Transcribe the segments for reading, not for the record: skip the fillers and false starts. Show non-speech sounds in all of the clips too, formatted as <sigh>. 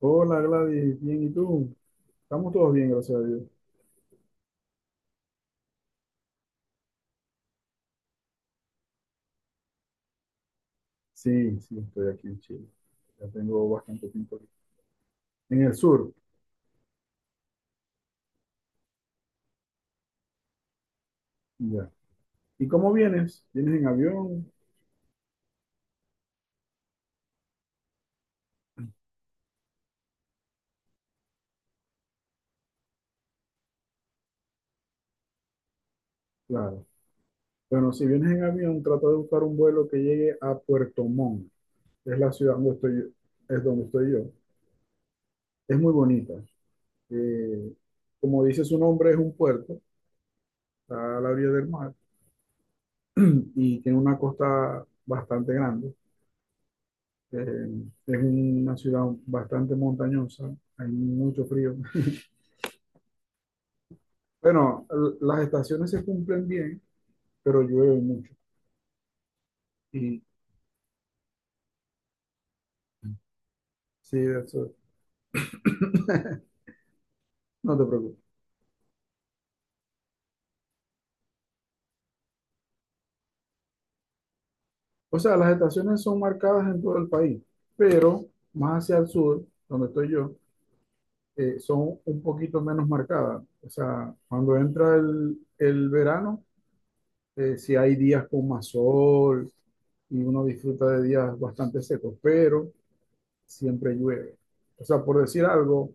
Hola Gladys, bien, ¿y tú? Estamos todos bien, gracias a Dios. Sí, estoy aquí en Chile. Ya tengo bastante tiempo aquí. En el sur, ya. ¿Y cómo vienes? ¿Vienes en avión? Claro. Bueno, si vienes en avión, trata de buscar un vuelo que llegue a Puerto Montt. Es la ciudad donde estoy yo, es donde estoy yo. Es muy bonita. Eh, Como dice su nombre, es un puerto, está a la orilla del mar <clears throat> y tiene una costa bastante grande. Eh, es una ciudad bastante montañosa, hay mucho frío. <laughs> Bueno, las estaciones se cumplen bien, pero llueve mucho. Y sí, eso, no te preocupes. O sea, las estaciones son marcadas en todo el país, pero más hacia el sur, donde estoy yo, son un poquito menos marcadas. O sea, cuando entra el verano, sí hay días con más sol y uno disfruta de días bastante secos, pero siempre llueve. O sea, por decir algo,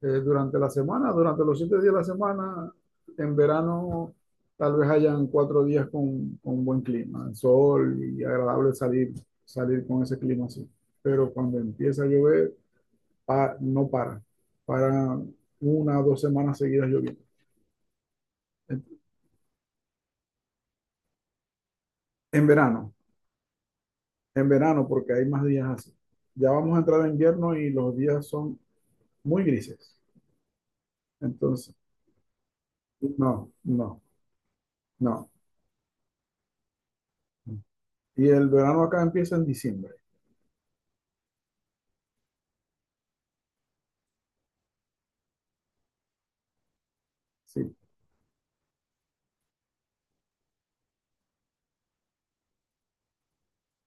durante la semana, durante los siete días de la semana, en verano tal vez hayan cuatro días con buen clima, sol y agradable salir, salir con ese clima así. Pero cuando empieza a llover, no para, para una o dos semanas seguidas lloviendo. En, en verano, en verano porque hay más días así. Ya vamos a entrar en invierno y los días son muy grises. Entonces, no, no, no. Y el verano acá empieza en diciembre. Sí,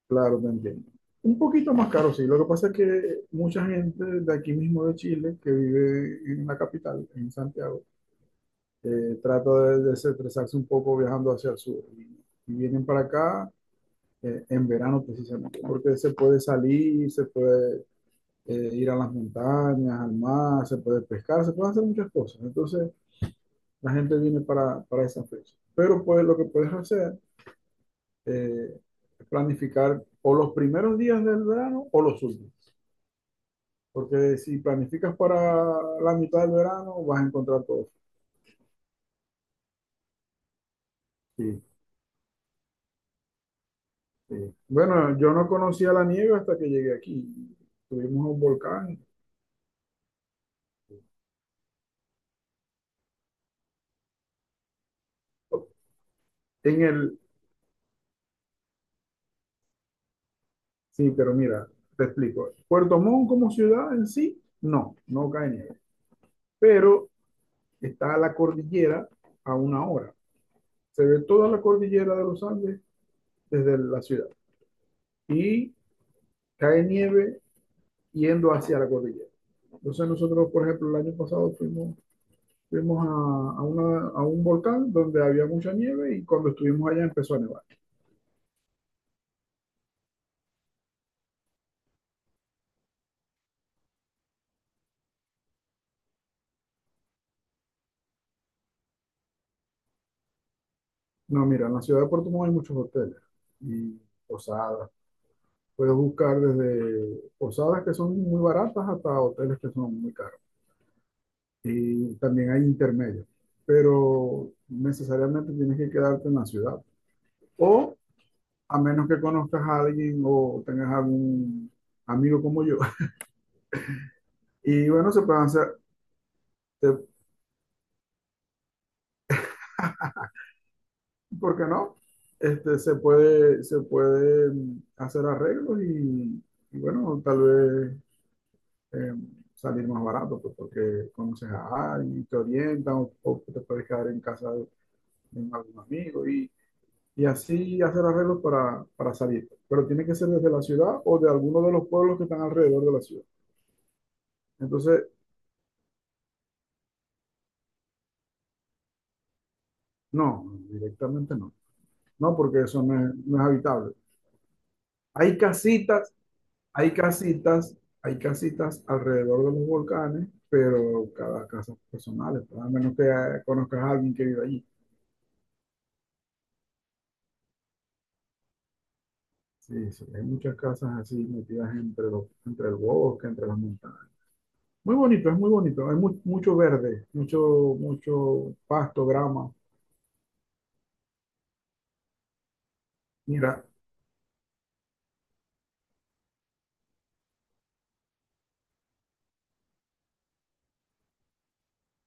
claro, te entiendo. Un poquito más caro, sí. Lo que pasa es que mucha gente de aquí mismo de Chile, que vive en la capital, en Santiago, trata de desestresarse un poco viajando hacia el sur. Y vienen para acá, en verano precisamente, porque se puede salir, se puede, ir a las montañas, al mar, se puede pescar, se pueden hacer muchas cosas. Entonces, la gente viene para esa fecha. Pero pues lo que puedes hacer, eh, es planificar o los primeros días del verano o los últimos. Porque si planificas para la mitad del verano, vas a encontrar todo. Sí, sí. Bueno, yo no conocía la nieve hasta que llegué aquí. Tuvimos un volcán en el... Sí, pero mira, te explico. Puerto Montt como ciudad en sí, no cae nieve. Pero está la cordillera a una hora. Se ve toda la cordillera de los Andes desde la ciudad. Y cae nieve yendo hacia la cordillera. Entonces nosotros, por ejemplo, el año pasado fuimos Fuimos a una- a un volcán donde había mucha nieve y cuando estuvimos allá empezó a nevar. No, mira, en la ciudad de Puerto Montt hay muchos hoteles y posadas. Puedes buscar desde posadas que son muy baratas hasta hoteles que son muy caros. Y también hay intermedios, pero necesariamente tienes que quedarte en la ciudad. O a menos que conozcas a alguien o tengas algún amigo como yo. <laughs> Y bueno, se pueden hacer, se ¿por qué no? Se puede hacer arreglos y bueno, tal vez, eh, salir más barato, pues, porque conoces a alguien, te orientan o te puedes quedar en casa de algún amigo y así hacer arreglos para salir. Pero tiene que ser desde la ciudad o de alguno de los pueblos que están alrededor de la ciudad. Entonces, no, directamente no. No, porque eso no es, no es habitable. Hay casitas Hay casitas, Hay casitas alrededor de los volcanes, pero cada casa es personal, pues, a menos que conozcas a alguien que vive allí. Sí, sí, hay muchas casas así metidas entre los, entre el bosque, entre las montañas. Muy bonito, es muy bonito. Hay mucho verde, mucho, mucho pasto, grama. Mira,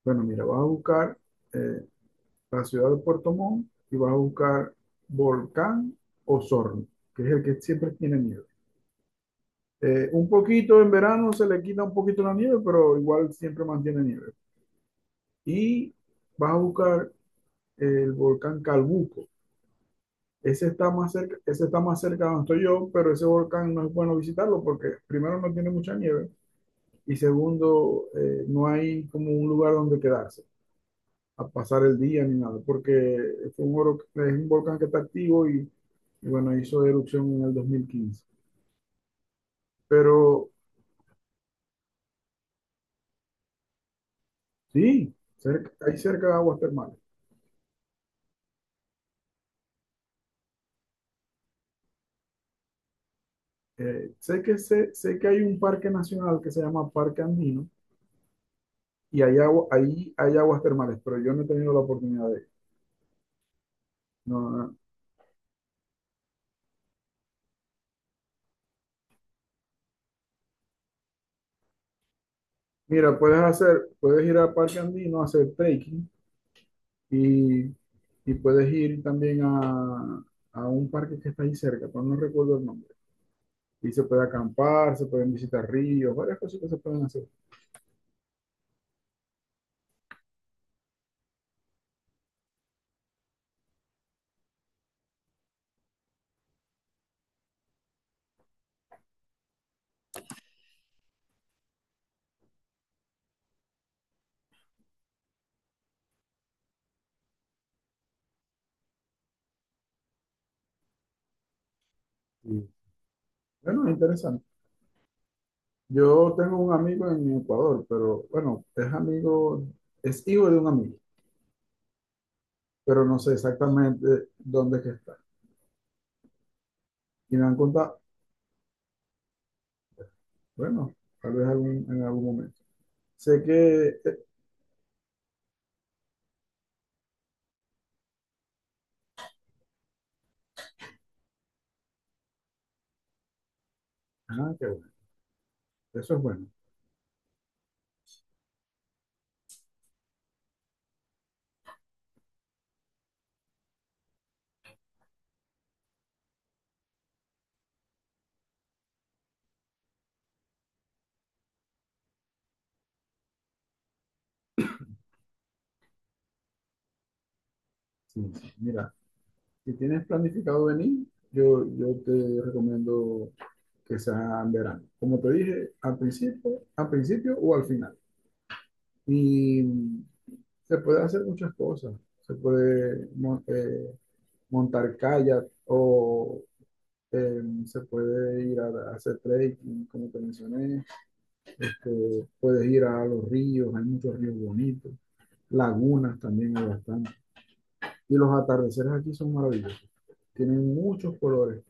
bueno, mira, vas a buscar, eh, la ciudad de Puerto Montt y vas a buscar Volcán Osorno, que es el que siempre tiene nieve. Un poquito en verano se le quita un poquito la nieve, pero igual siempre mantiene nieve. Y vas a buscar el volcán Calbuco. Ese está más cerca, ese está más cerca de donde estoy yo, pero ese volcán no es bueno visitarlo porque primero no tiene mucha nieve y segundo, no hay como un lugar donde quedarse a pasar el día ni nada, porque es un, es un volcán que está activo y bueno, hizo erupción en el 2015. Pero sí, hay cerca de aguas termales. Sé que hay un parque nacional que se llama Parque Andino y hay agua, ahí hay aguas termales, pero yo no he tenido la oportunidad de ir. No. Mira, puedes hacer, puedes ir al Parque Andino a hacer trekking y, y puedes ir también a un parque que está ahí cerca, pero no recuerdo el nombre. Y se puede acampar, se pueden visitar ríos, varias cosas que se pueden hacer. Y, bueno, es interesante. Yo tengo un amigo en Ecuador, pero bueno, es amigo, es hijo de un amigo pero no sé exactamente dónde es que está. Y me han contado, bueno, tal vez en algún momento. Sé que, ah, qué bueno, eso es bueno. Sí, sí. Mira, si tienes planificado venir, yo te recomiendo que sea en verano. Como te dije, al principio o al final. Y se puede hacer muchas cosas. Se puede montar kayak o, se puede ir a hacer trekking, como te mencioné. Puedes ir a los ríos, hay muchos ríos bonitos, lagunas también hay bastante. Y los atardeceres aquí son maravillosos, tienen muchos colores.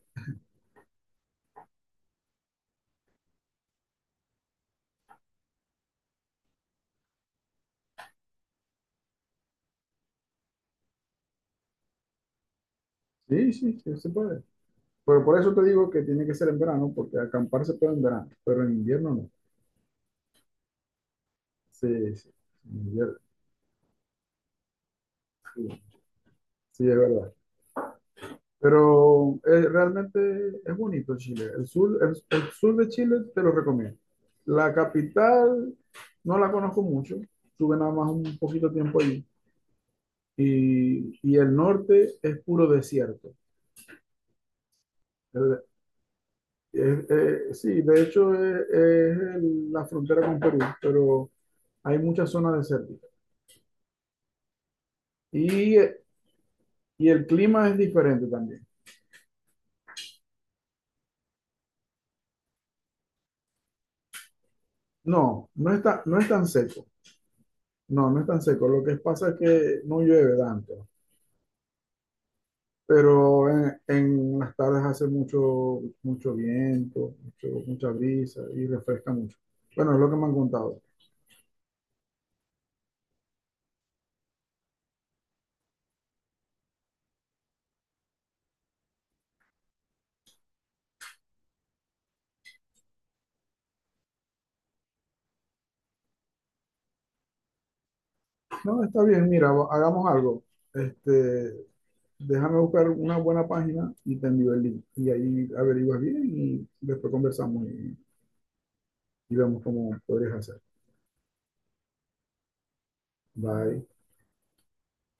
Sí, sí, sí se puede. Pero por eso te digo que tiene que ser en verano, porque acampar se puede en verano, pero en invierno no. Sí, sí, en invierno, sí, sí, es verdad. Pero realmente es bonito Chile. El sur, el sur de Chile te lo recomiendo. La capital no la conozco mucho, tuve nada más un poquito tiempo ahí y el norte es puro desierto. El- sí, de hecho es, la frontera con Perú, pero hay muchas zonas desérticas. Y, y el clima es diferente también. No es tan seco. No, no es tan seco. Lo que pasa es que no llueve tanto, pero en las tardes hace mucho, mucho viento, mucha brisa y refresca mucho. Bueno, es lo que me han contado. No, está bien, mira, hagamos algo. Este, Déjame buscar una buena página y te envío el link. Y ahí averiguas bien y después conversamos y vemos cómo podrías hacer. Bye.